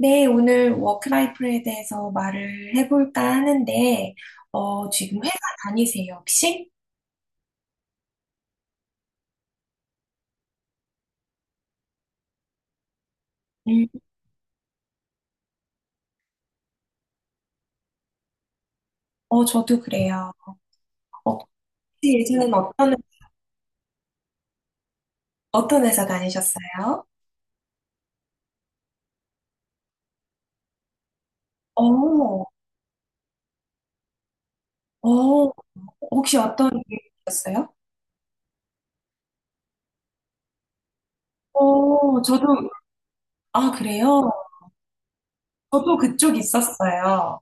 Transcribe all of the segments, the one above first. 네, 오늘 워크라이프에 대해서 말을 해볼까 하는데, 지금 회사 다니세요, 혹시? 음, 저도 그래요. 혹시 예전엔 어떤, 어떤 회사 다니셨어요? 어, 어, 혹시 어떤 일이셨어요? 저도, 아, 그래요? 저도 그쪽 있었어요.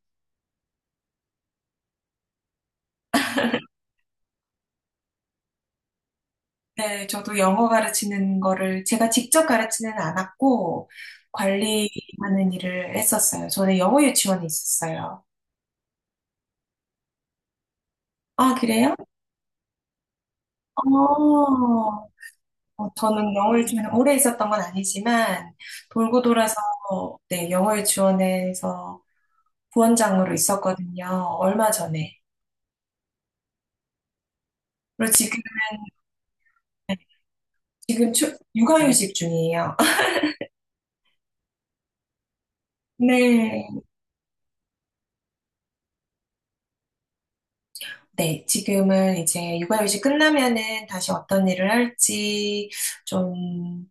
네, 저도 영어 가르치는 거를 제가 직접 가르치는 않았고, 관리하는 일을 했었어요. 저는 영어 유치원에 있었어요. 아, 그래요? 어, 저는 영어 유치원에 오래 있었던 건 아니지만, 돌고 돌아서, 네, 영어 유치원에서 부원장으로 있었거든요. 얼마 전에. 그리고 지금, 육아휴직 중이에요. 네. 네, 지금은 이제 육아휴직 끝나면은 다시 어떤 일을 할지 좀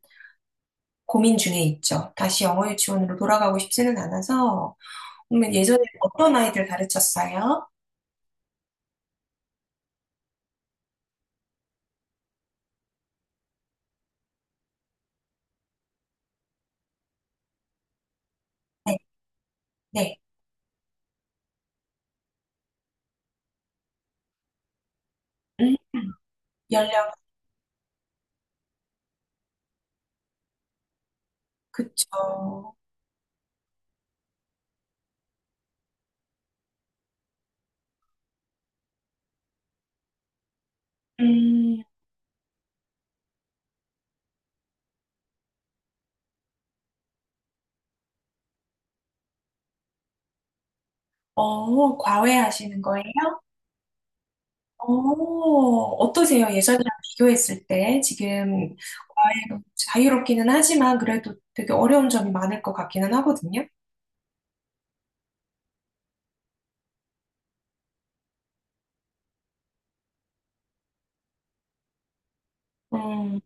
고민 중에 있죠. 다시 영어 유치원으로 돌아가고 싶지는 않아서, 그러면 예전에 어떤 아이들 가르쳤어요? 네, 네. 음, 연령이? 그쵸. 음, 과외하시는 거예요? 어떠세요? 예전이랑 비교했을 때 지금 과외로 자유롭기는 하지만 그래도 되게 어려운 점이 많을 것 같기는 하거든요. 음,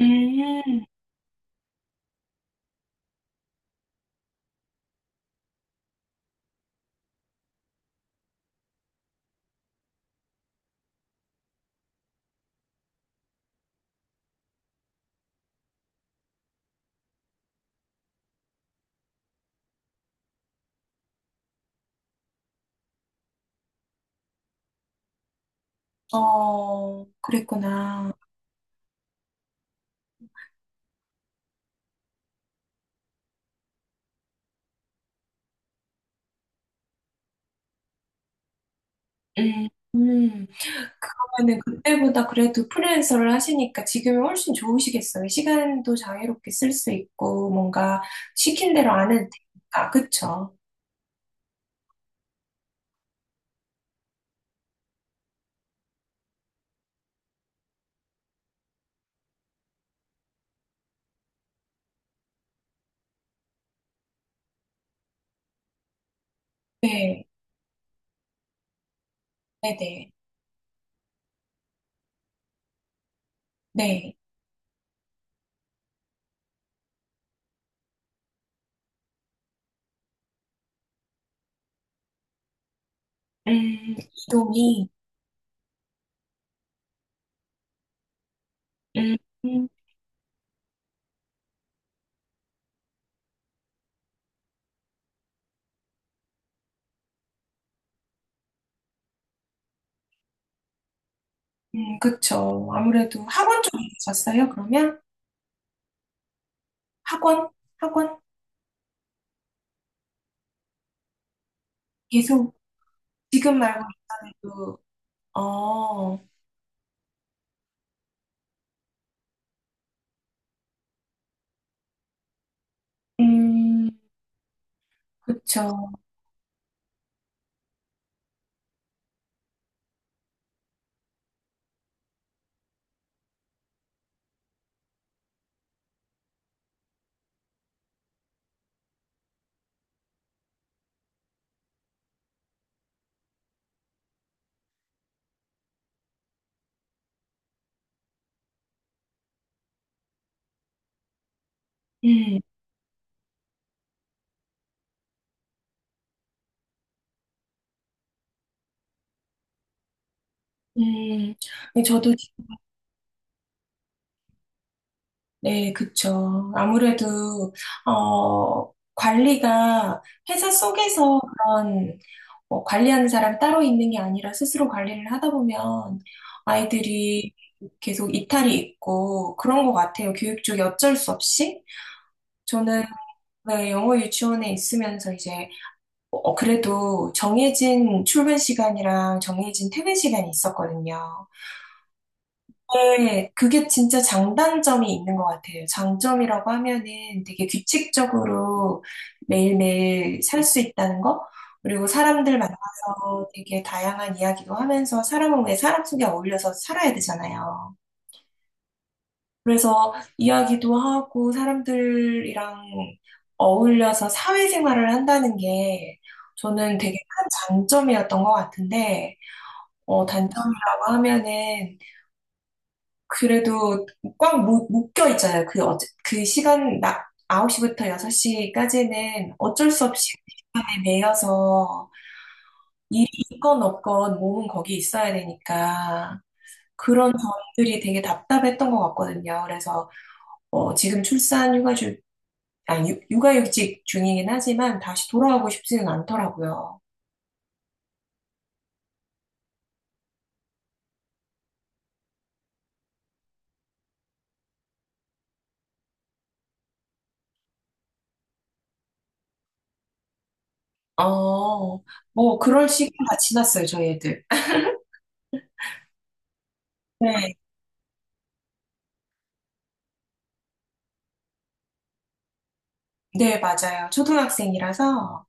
음, 그랬구나. 음, 음. 그러면은 그때보다 그래도 프리랜서를 하시니까 지금이 훨씬 좋으시겠어요. 시간도 자유롭게 쓸 수 있고 뭔가 시킨 대로 안 해도 되니까. 그쵸? 네, 네네. 네. 이동이, 음, 음, 그쵸. 아무래도 학원 쪽에 계셨어요, 그러면? 학원? 학원? 계속, 지금 말고 일단은, 어, 음, 그쵸. 음, 음, 네, 저도, 네, 그쵸. 아무래도, 어, 관리가 회사 속에서 그런 뭐 관리하는 사람 따로 있는 게 아니라 스스로 관리를 하다 보면 아이들이 계속 이탈이 있고 그런 것 같아요. 교육 쪽에 어쩔 수 없이. 저는 네, 영어 유치원에 있으면서 이제 그래도 정해진 출근 시간이랑 정해진 퇴근 시간이 있었거든요. 네, 그게 진짜 장단점이 있는 것 같아요. 장점이라고 하면은 되게 규칙적으로 매일매일 살 수 있다는 거, 그리고 사람들 만나서 되게 다양한 이야기도 하면서 사람은 왜 사람 속에 어울려서 살아야 되잖아요. 그래서 이야기도 하고 사람들이랑 어울려서 사회생활을 한다는 게 저는 되게 큰 장점이었던 것 같은데, 단점이라고 하면은 그래도 꽉 묶여 있잖아요. 그 시간, 홉시부터 6시까지는 어쩔 수 없이 그 시간에 매여서 일이 있건 없건 몸은 거기 있어야 되니까 그런 점들이 되게 답답했던 것 같거든요. 그래서 지금 출산 휴가 중 아니, 육아휴직 중이긴 하지만 다시 돌아가고 싶지는 않더라고요. 어, 뭐 그럴 시기가 지났어요, 저희 애들. 네, 네, 맞아요. 초등학생이라서.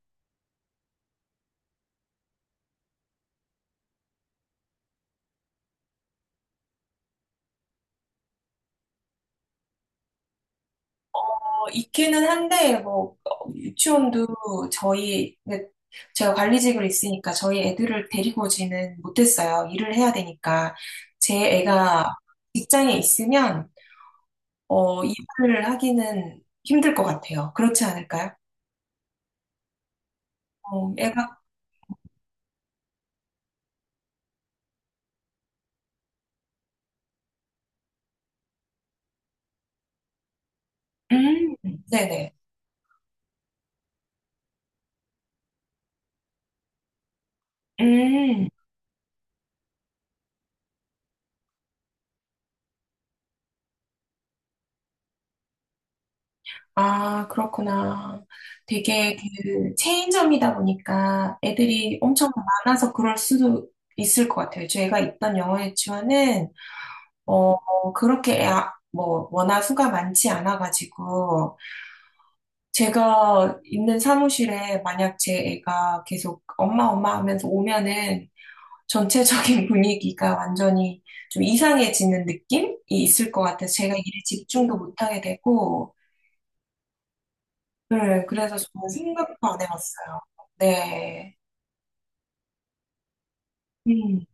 있기는 한데, 뭐, 유치원도 저희, 근데 제가 관리직으로 있으니까 저희 애들을 데리고 오지는 못했어요. 일을 해야 되니까. 제 애가 직장에 있으면, 일을 하기는 힘들 것 같아요. 그렇지 않을까요? 애가, 음, 네네. 음, 아, 그렇구나. 되게 그 체인점이다 보니까 애들이 엄청 많아서 그럴 수도 있을 것 같아요. 제가 있던 영어 유치원은 그렇게 뭐 워낙 수가 많지 않아가지고 제가 있는 사무실에 만약 제 애가 계속 엄마 엄마 하면서 오면은 전체적인 분위기가 완전히 좀 이상해지는 느낌이 있을 것 같아서 제가 일에 집중도 못하게 되고 네, 그래서 저는 생각도 안 해봤어요. 네. 음,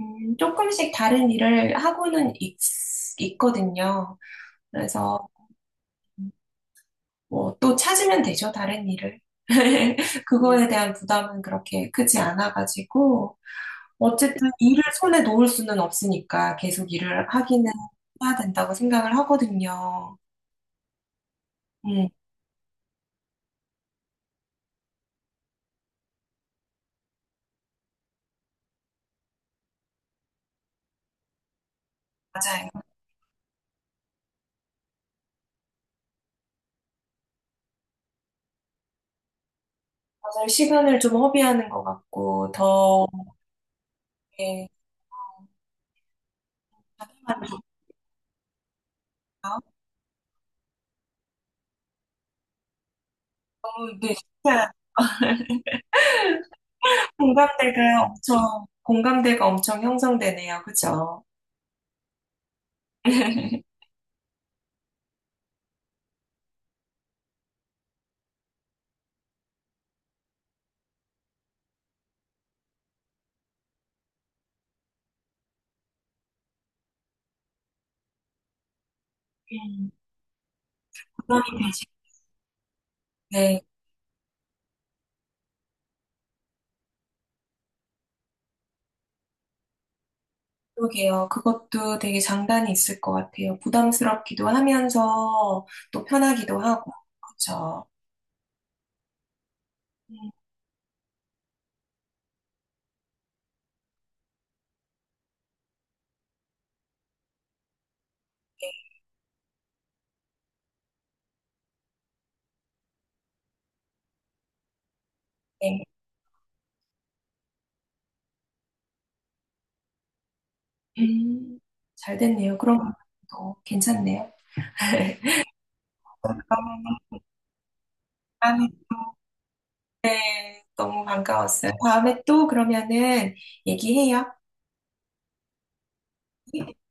조금씩 다른 일을 하고는 있거든요. 그래서 뭐 또 찾으면 되죠, 다른 일을. 그거에 대한 부담은 그렇게 크지 않아가지고, 어쨌든 일을 손에 놓을 수는 없으니까 계속 일을 하기는 해야 된다고 생각을 하거든요. 음, 맞아요. 맞아요. 시간을 좀 허비하는 것 같고, 더, 이렇게 자기만족감? 너무, 네, 진짜 공감대가 엄청, 공감대가 엄청 형성되네요. 그죠? 음, 부담이, 네. 그러게요. 그것도 되게 장단이 있을 것 같아요. 부담스럽기도 하면서 또 편하기도 하고. 그렇죠. 음, 네. 음, 잘 됐네요. 그럼 또 괜찮네요. 그 다음에 너무 반가웠어요. 다음에 또 그러면은 얘기해요. 네.